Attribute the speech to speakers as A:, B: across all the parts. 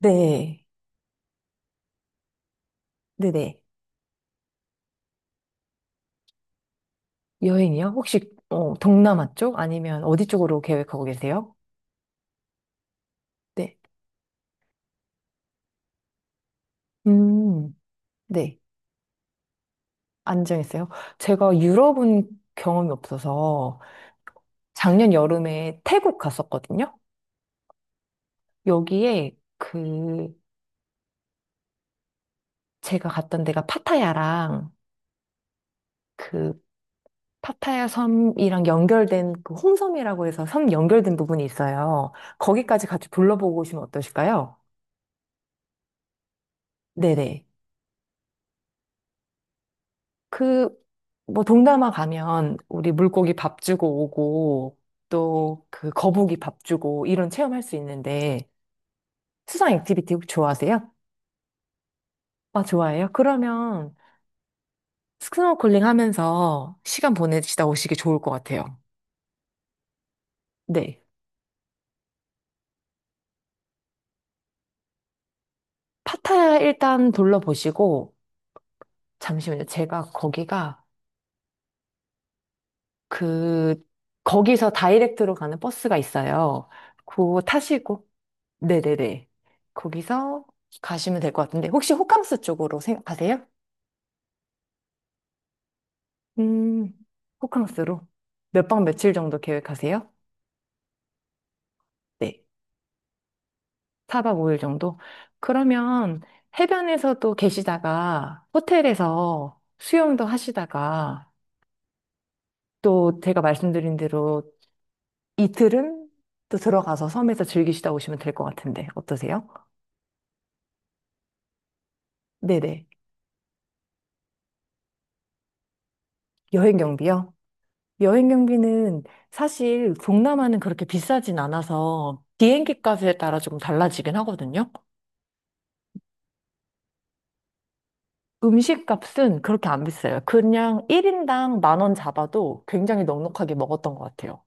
A: 네. 네네. 여행이요? 혹시 동남아 쪽 아니면 어디 쪽으로 계획하고 계세요? 네. 음, 네. 안 정했어요. 제가 유럽은 경험이 없어서 작년 여름에 태국 갔었거든요. 여기에 그 제가 갔던 데가 파타야랑 그 파타야 섬이랑 연결된 그 홍섬이라고 해서 섬 연결된 부분이 있어요. 거기까지 같이 둘러보고 오시면 어떠실까요? 네네. 그, 뭐, 동남아 가면 우리 물고기 밥 주고 오고, 또 그 거북이 밥 주고, 이런 체험할 수 있는데, 수상 액티비티 혹시 좋아하세요? 아, 좋아해요? 그러면 스노클링 하면서 시간 보내시다 오시기 좋을 것 같아요. 네. 파타야 일단 둘러보시고, 잠시만요. 그, 거기서 다이렉트로 가는 버스가 있어요. 그거 타시고, 네네네. 거기서 가시면 될 것 같은데, 혹시 호캉스 쪽으로 가세요? 음, 호캉스로 몇 박 며칠 정도 계획하세요? 네. 4박 5일 정도? 그러면 해변에서도 계시다가 호텔에서 수영도 하시다가 또 제가 말씀드린 대로 이틀은 또 들어가서 섬에서 즐기시다 오시면 될 것 같은데 어떠세요? 네네. 여행 경비요? 여행 경비는 사실 동남아는 그렇게 비싸진 않아서 비행기 값에 따라 조금 달라지긴 하거든요. 음식 값은 그렇게 안 비싸요. 그냥 1인당 만 원 잡아도 굉장히 넉넉하게 먹었던 것 같아요.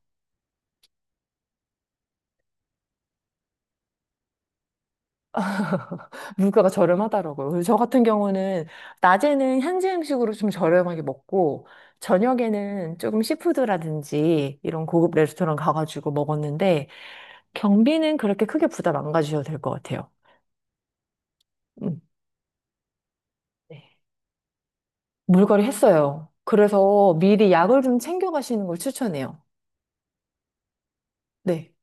A: 물가가 저렴하더라고요. 그래서 저 같은 경우는 낮에는 현지 음식으로 좀 저렴하게 먹고 저녁에는 조금 시푸드라든지 이런 고급 레스토랑 가가지고 먹었는데 경비는 그렇게 크게 부담 안 가지셔도 될 것 같아요. 음. 네. 물갈이 했어요. 그래서 미리 약을 좀 챙겨 가시는 걸 추천해요. 네.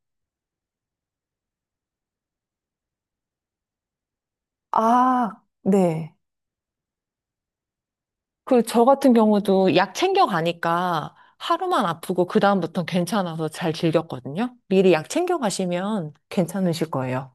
A: 아, 네. 그리고 저 같은 경우도 약 챙겨 가니까 하루만 아프고 그다음부터는 괜찮아서 잘 즐겼거든요. 미리 약 챙겨 가시면 괜찮으실 거예요.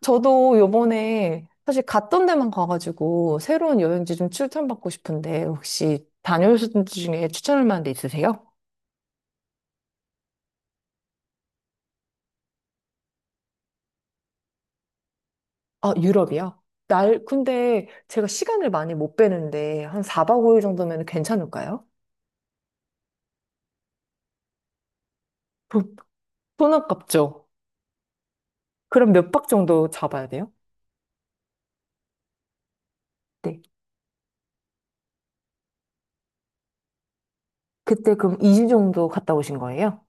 A: 저도 요번에 사실 갔던 데만 가가지고 새로운 여행지 좀 추천받고 싶은데 혹시 다녀오신 데 중에 추천할 만한 데 있으세요? 아, 유럽이요? 근데 제가 시간을 많이 못 빼는데, 한 4박 5일 정도면 괜찮을까요? 돈, 돈 아깝죠? 그럼 몇 박 정도 잡아야 돼요? 네. 그때 그럼 2주 정도 갔다 오신 거예요?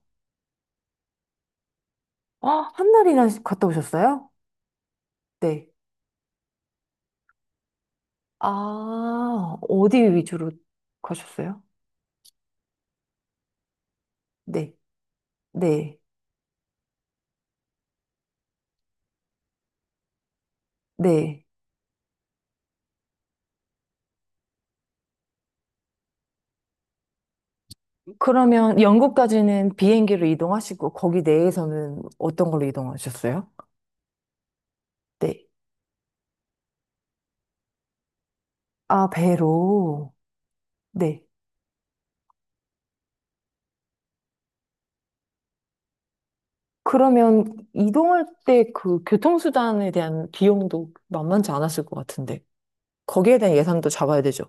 A: 아, 한 날이나 갔다 오셨어요? 네. 아, 어디 위주로 가셨어요? 네. 네. 네. 그러면 영국까지는 비행기로 이동하시고, 거기 내에서는 어떤 걸로 이동하셨어요? 네. 아, 배로. 네. 그러면 이동할 때 그 교통수단에 대한 비용도 만만치 않았을 것 같은데. 거기에 대한 예산도 잡아야 되죠.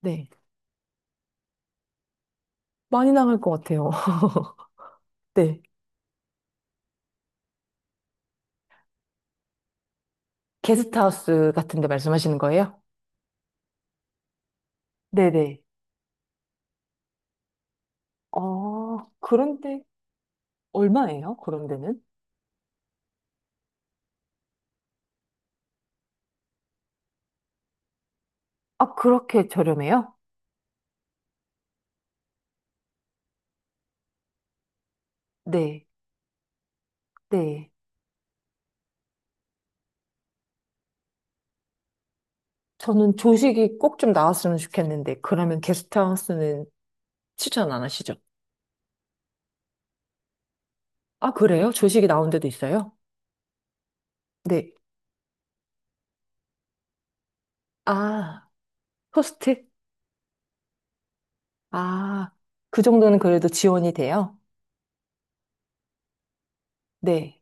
A: 네. 많이 나갈 것 같아요. 네. 게스트하우스 같은 데 말씀하시는 거예요? 네네. 아, 그런데 얼마예요? 그런데는? 아, 그렇게 저렴해요? 네. 네. 저는 조식이 꼭 좀 나왔으면 좋겠는데, 그러면 게스트하우스는 추천 안 하시죠? 아, 그래요? 조식이 나온 데도 있어요? 네. 아, 호스트? 아, 그 정도는 그래도 지원이 돼요? 네.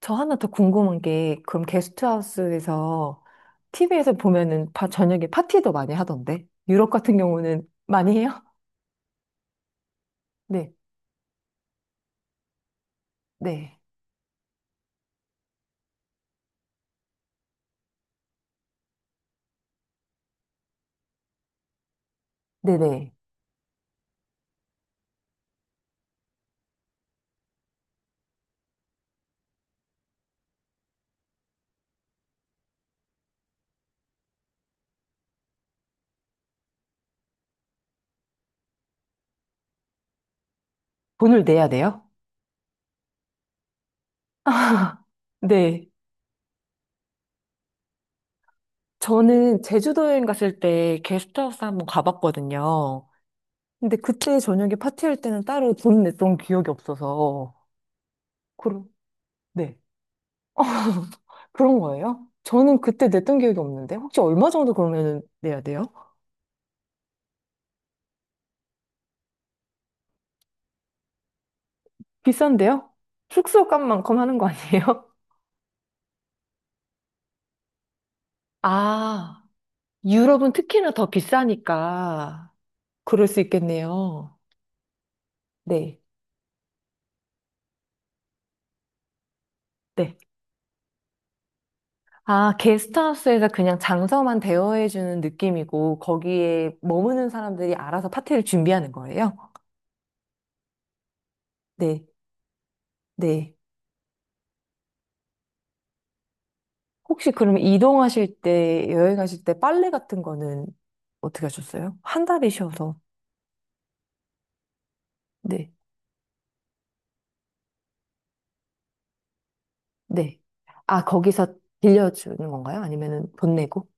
A: 저 하나 더 궁금한 게, 그럼 게스트하우스에서, TV에서 보면은 바- 저녁에 파티도 많이 하던데? 유럽 같은 경우는 많이 해요? 네, 네, 네네. 돈을 내야 돼요? 네. 저는 제주도 여행 갔을 때 게스트하우스 한번 가봤거든요. 근데 그때 저녁에 파티할 때는 따로 돈 냈던 기억이 없어서. 그럼, 네. 어, 그런 거예요? 저는 그때 냈던 기억이 없는데 혹시 얼마 정도 그러면 내야 돼요? 비싼데요? 숙소 값만큼 하는 거 아니에요? 아, 유럽은 특히나 더 비싸니까 그럴 수 있겠네요. 네. 네. 아, 게스트하우스에서 그냥 장소만 대여해주는 느낌이고 거기에 머무는 사람들이 알아서 파티를 준비하는 거예요? 네, 네. 혹시 그럼 이동하실 때, 여행하실 때 빨래 같은 거는 어떻게 하셨어요? 한 달이셔서. 네, 네. 아, 거기서 빌려주는 건가요? 아니면은 돈 내고?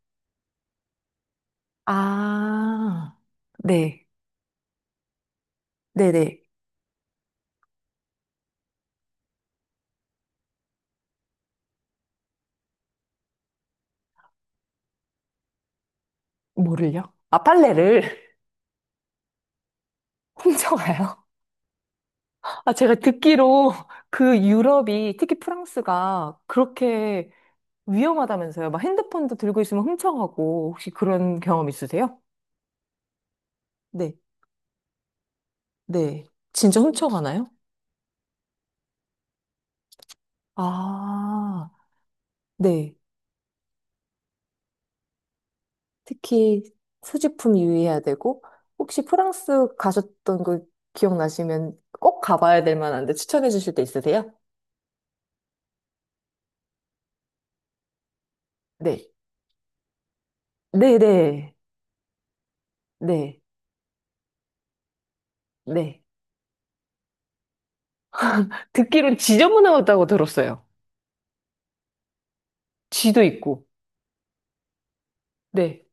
A: 아, 네, 네네. 뭐를요? 아, 빨래를 훔쳐가요? 아, 제가 듣기로 그 유럽이, 특히 프랑스가 그렇게 위험하다면서요. 막 핸드폰도 들고 있으면 훔쳐가고, 혹시 그런 경험 있으세요? 네, 네. 진짜 훔쳐가나요? 아, 네. 특히 소지품 유의해야 되고, 혹시 프랑스 가셨던 거 기억나시면 꼭 가봐야 될 만한데 추천해 주실 데 있으세요? 네. 네네. 네. 네. 듣기론 지저분하다고 들었어요. 쥐도 있고. 네.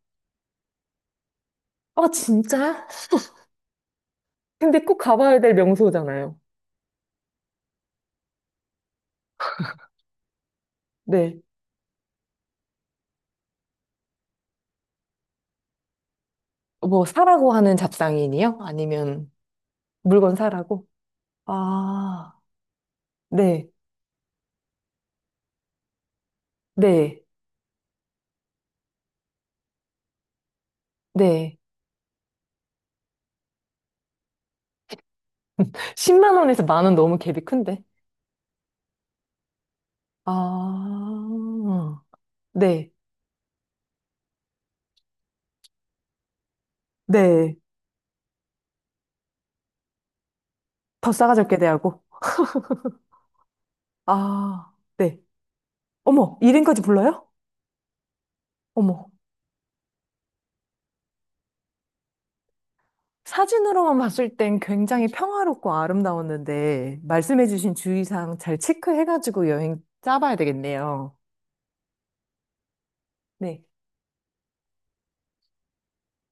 A: 아, 진짜? 근데 꼭 가봐야 될 명소잖아요. 네. 뭐, 사라고 하는 잡상인이요? 아니면 물건 사라고? 아, 네. 네. 네. 10만 원에서 만 원 너무 갭이 큰데. 아, 네, 네. 더 싸가지 없게 대하고. 아, 네. 어머, 이름까지 불러요? 어머. 사진으로만 봤을 땐 굉장히 평화롭고 아름다웠는데, 말씀해주신 주의사항 잘 체크해가지고 여행 짜봐야 되겠네요. 네,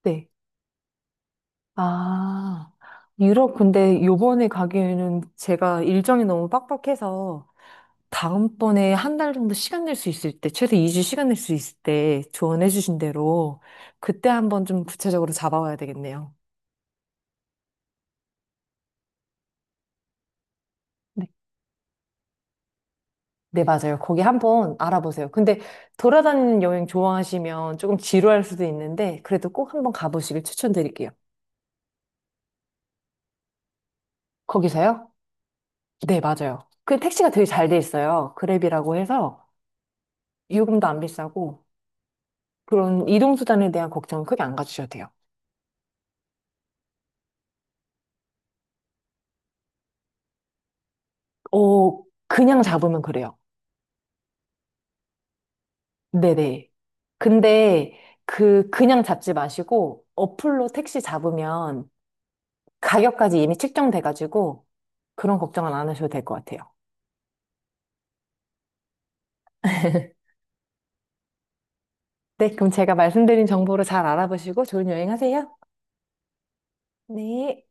A: 네. 아, 유럽 근데 요번에 가기에는 제가 일정이 너무 빡빡해서, 다음번에 한 달 정도 시간 낼 수 있을 때, 최소 2주 시간 낼 수 있을 때 조언해주신 대로, 그때 한번 좀 구체적으로 잡아와야 되겠네요. 네, 네, 맞아요. 거기 한번 알아보세요. 근데 돌아다니는 여행 좋아하시면 조금 지루할 수도 있는데, 그래도 꼭 한번 가보시길 추천드릴게요. 거기서요? 네, 맞아요. 그 택시가 되게 잘 돼 있어요. 그랩이라고 해서 요금도 안 비싸고, 그런 이동수단에 대한 걱정은 크게 안 가지셔도 돼요. 어, 그냥 잡으면 그래요. 네네. 근데 그냥 잡지 마시고, 어플로 택시 잡으면 가격까지 이미 측정돼가지고, 그런 걱정은 안 하셔도 될 것 같아요. 네, 그럼 제가 말씀드린 정보로 잘 알아보시고 좋은 여행 하세요. 네.